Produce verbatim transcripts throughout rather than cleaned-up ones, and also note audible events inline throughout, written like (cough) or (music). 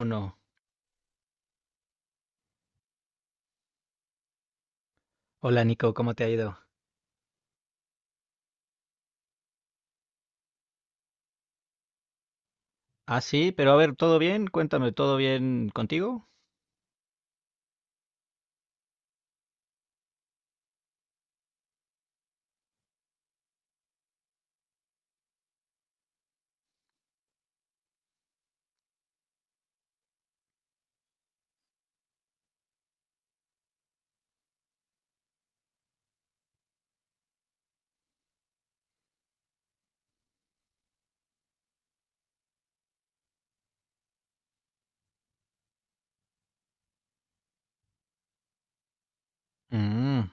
Uno. Hola Nico, ¿cómo te ha ido? Ah, sí, pero a ver, ¿todo bien? Cuéntame, ¿todo bien contigo? Mm,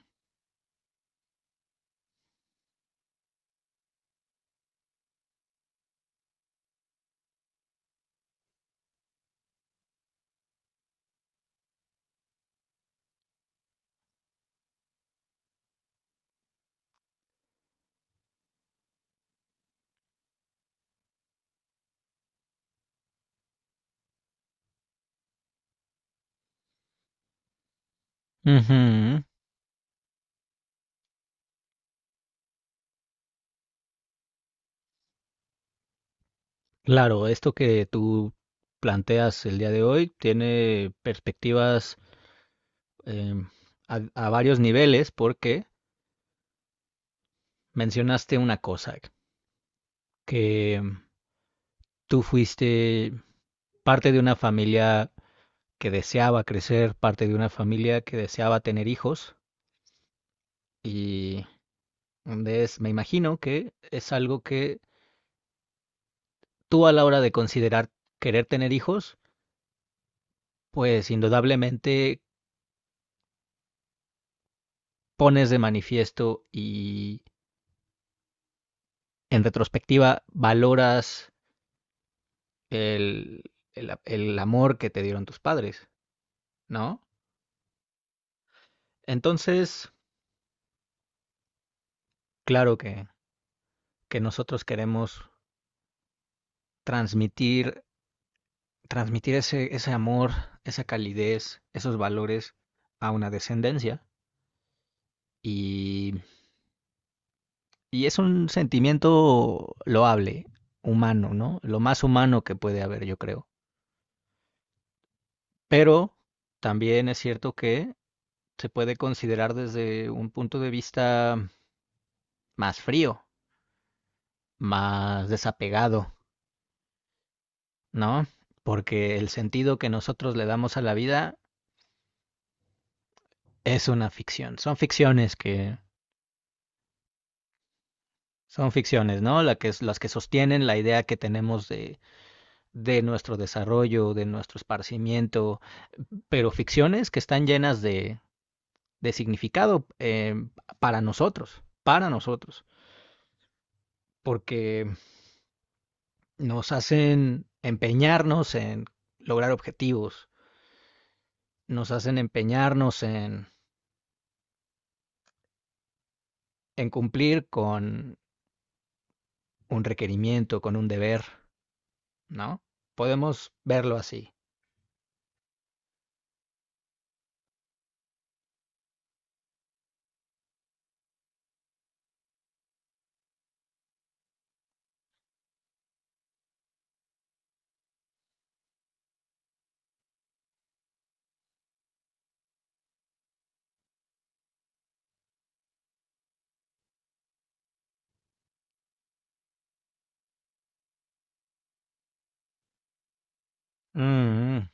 ujú. Claro, esto que tú planteas el día de hoy tiene perspectivas em, a, a varios niveles porque mencionaste una cosa, que em, tú fuiste parte de una familia que deseaba crecer, parte de una familia que deseaba tener hijos y es, me imagino que es algo que tú, a la hora de considerar querer tener hijos, pues indudablemente pones de manifiesto y en retrospectiva valoras el, el, el amor que te dieron tus padres, ¿no? Entonces, claro que, que nosotros queremos transmitir, transmitir ese, ese amor, esa calidez, esos valores a una descendencia. Y Y es un sentimiento loable, humano, ¿no? Lo más humano que puede haber, yo creo. Pero también es cierto que se puede considerar desde un punto de vista más frío, más desapegado, ¿no? Porque el sentido que nosotros le damos a la vida es una ficción. Son ficciones que son ficciones, ¿no? La que, las que sostienen la idea que tenemos de, de nuestro desarrollo, de nuestro esparcimiento, pero ficciones que están llenas de, de significado eh, para nosotros, para nosotros, porque nos hacen empeñarnos en lograr objetivos, nos hacen empeñarnos en, en cumplir con un requerimiento, con un deber, ¿no? Podemos verlo así. Mm, mm,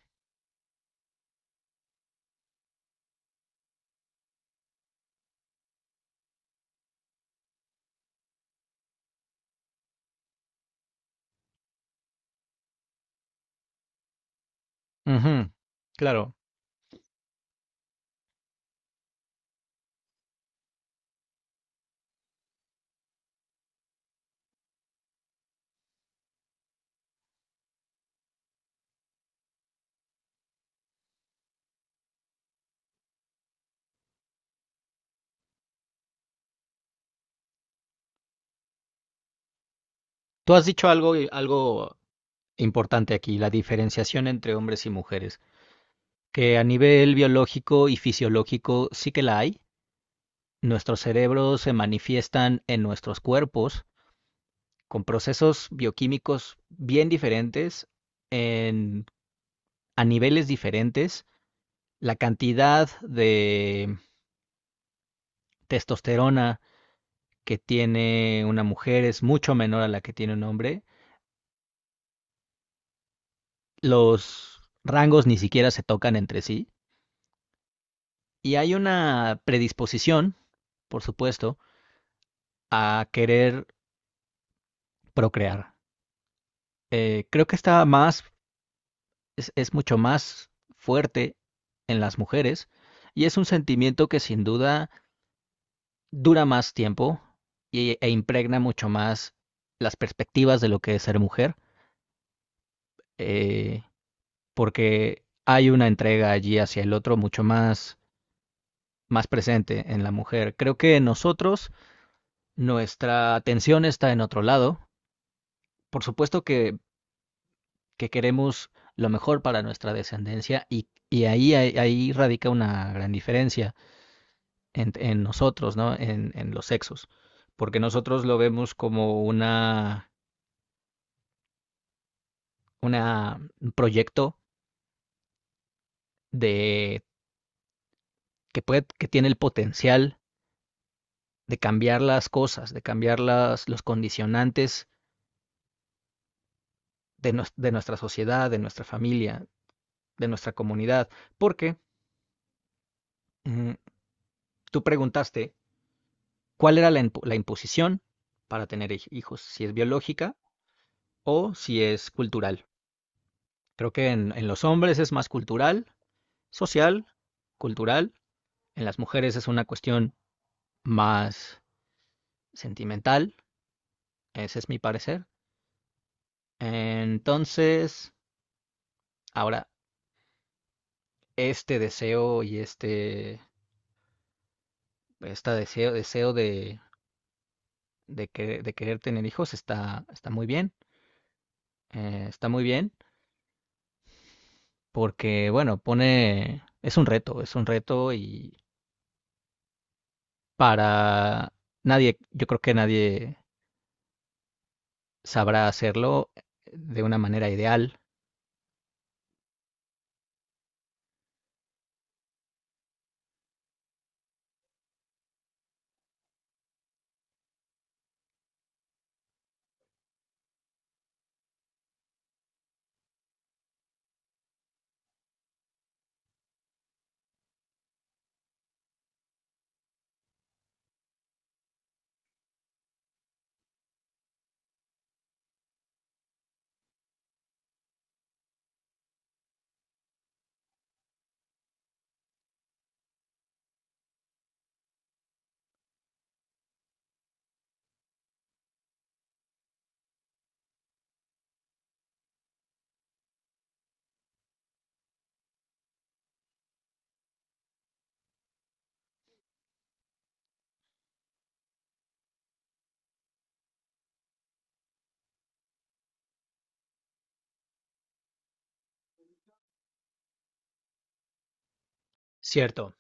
ujú. Claro. Tú has dicho algo, algo importante aquí, la diferenciación entre hombres y mujeres, que a nivel biológico y fisiológico sí que la hay, nuestros cerebros se manifiestan en nuestros cuerpos con procesos bioquímicos bien diferentes, en, a niveles diferentes. La cantidad de testosterona que tiene una mujer es mucho menor a la que tiene un hombre. Los rangos ni siquiera se tocan entre sí. Y hay una predisposición, por supuesto, a querer procrear. Eh, creo que está más es, es mucho más fuerte en las mujeres, y es un sentimiento que sin duda dura más tiempo y- e impregna mucho más las perspectivas de lo que es ser mujer, eh, porque hay una entrega allí hacia el otro mucho más, más presente en la mujer. Creo que nosotros, nuestra atención está en otro lado. Por supuesto que, que queremos lo mejor para nuestra descendencia y, y ahí, ahí ahí radica una gran diferencia en, en nosotros, ¿no? En, en los sexos. Porque nosotros lo vemos como una, una, un proyecto de, que, puede, que tiene el potencial de cambiar las cosas, de cambiar las, los condicionantes de, no, de nuestra sociedad, de nuestra familia, de nuestra comunidad. Porque mm, tú preguntaste cuál era la, la imposición para tener hijos, si es biológica o si es cultural. Creo que en, en los hombres es más cultural, social, cultural. En las mujeres es una cuestión más sentimental, ese es mi parecer. Entonces, ahora, este deseo y este, este deseo, deseo de, de, que- de querer tener hijos está, está muy bien, eh, está muy bien, porque, bueno, pone, es un reto, es un reto, y para nadie, yo creo que nadie sabrá hacerlo de una manera ideal. Cierto,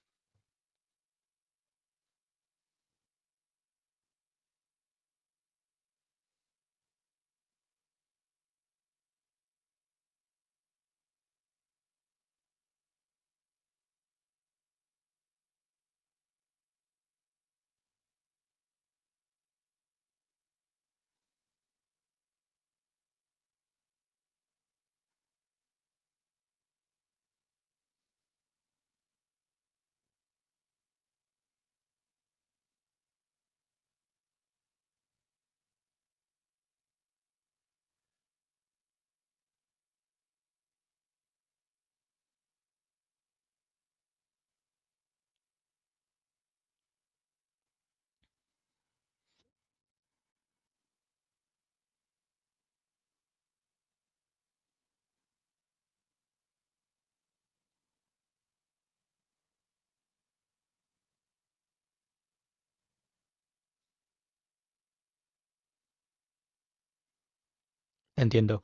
entiendo.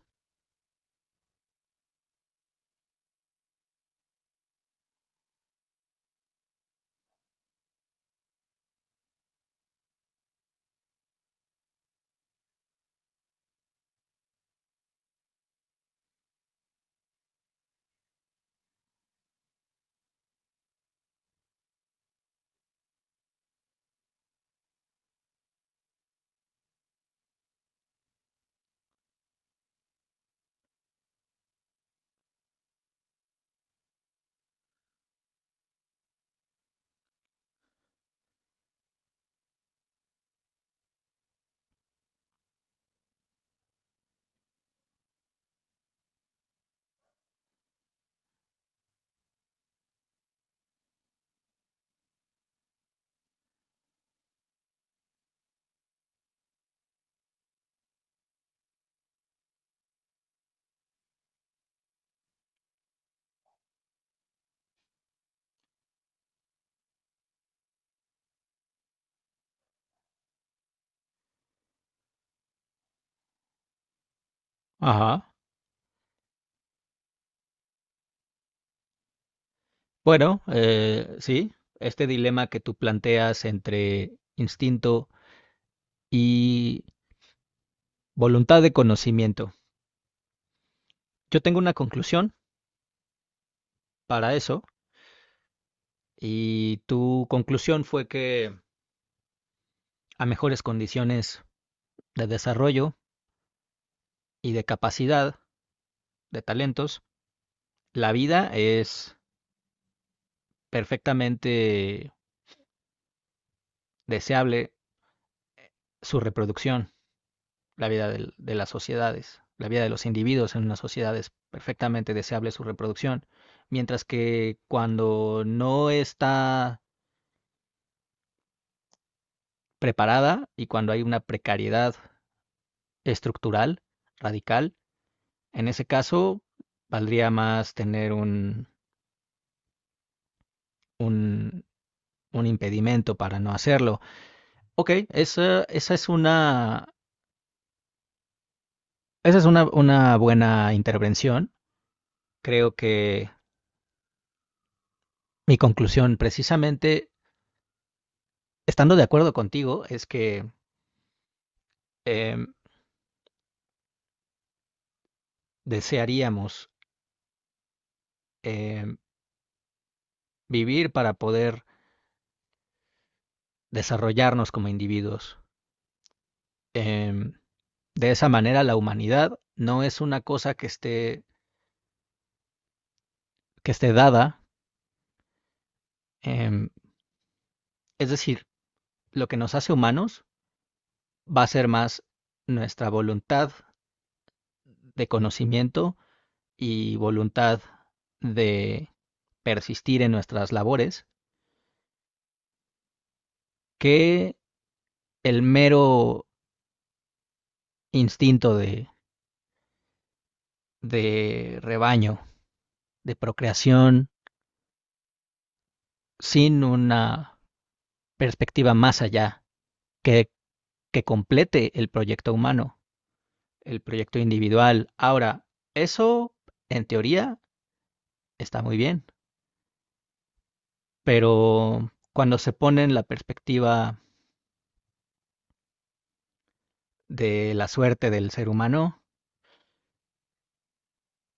Ajá. Bueno, eh, sí, este dilema que tú planteas entre instinto y voluntad de conocimiento. Yo tengo una conclusión para eso, y tu conclusión fue que a mejores condiciones de desarrollo y de capacidad, de talentos, la vida es perfectamente deseable su reproducción. La vida del- de las sociedades, la vida de los individuos en una sociedad es perfectamente deseable su reproducción, mientras que cuando no está preparada y cuando hay una precariedad estructural, radical, en ese caso valdría más tener un, un, un impedimento para no hacerlo. Ok, esa, esa es una, esa es una, una buena intervención. Creo que mi conclusión, precisamente estando de acuerdo contigo, es que em, desearíamos em, vivir para poder desarrollarnos como individuos. Em, de esa manera, la humanidad no es una cosa que esté, que esté dada. em, es decir, lo que nos hace humanos va a ser más nuestra voluntad de conocimiento y voluntad de persistir en nuestras labores que el mero instinto de de rebaño, de procreación, sin una perspectiva más allá que, que complete el proyecto humano, el proyecto individual. Ahora, eso en teoría está muy bien, pero cuando se pone en la perspectiva de la suerte del ser humano,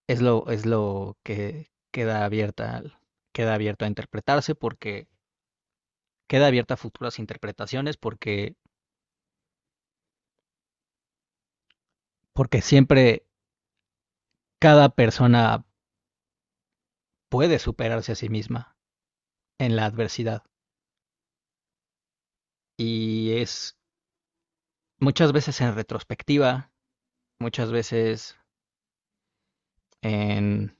es lo, es lo que queda abierta, queda abierto a interpretarse porque queda abierta a futuras interpretaciones porque, porque siempre cada persona puede superarse a sí misma en la adversidad. Y es muchas veces en retrospectiva, muchas veces en,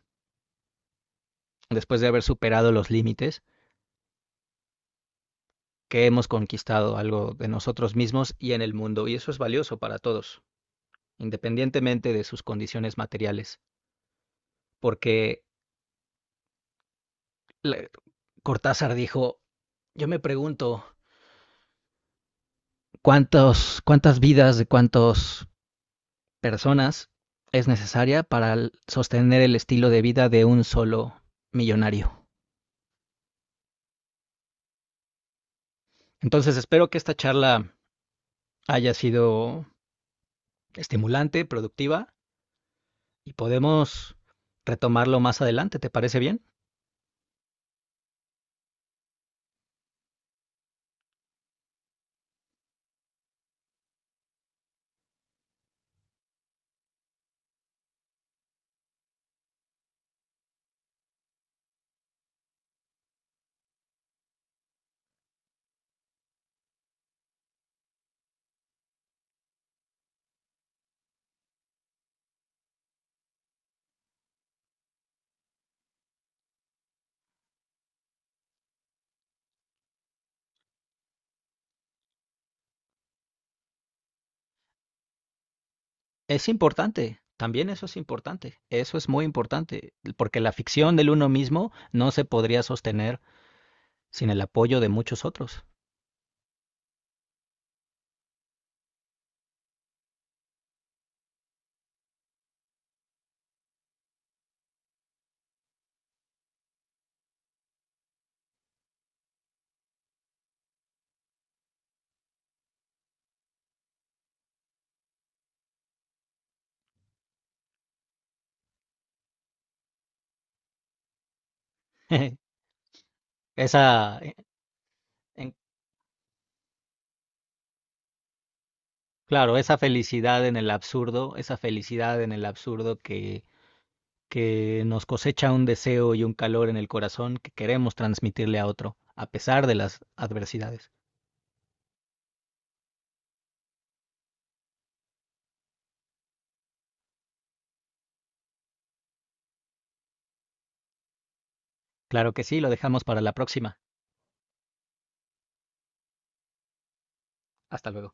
después de haber superado los límites, que hemos conquistado algo de nosotros mismos y en el mundo. Y eso es valioso para todos, independientemente de sus condiciones materiales. Porque Cortázar dijo, yo me pregunto, ¿cuántos, ¿cuántas vidas de cuántos personas es necesaria para sostener el estilo de vida de un solo millonario? Entonces espero que esta charla haya sido estimulante, productiva, y podemos retomarlo más adelante. ¿Te parece bien? Es importante, también eso es importante, eso es muy importante, porque la ficción del uno mismo no se podría sostener sin el apoyo de muchos otros. (laughs) Esa, eh, en- claro, esa felicidad en el absurdo, esa felicidad en el absurdo que que nos cosecha un deseo y un calor en el corazón que queremos transmitirle a otro, a pesar de las adversidades. Claro que sí, lo dejamos para la próxima. Hasta luego.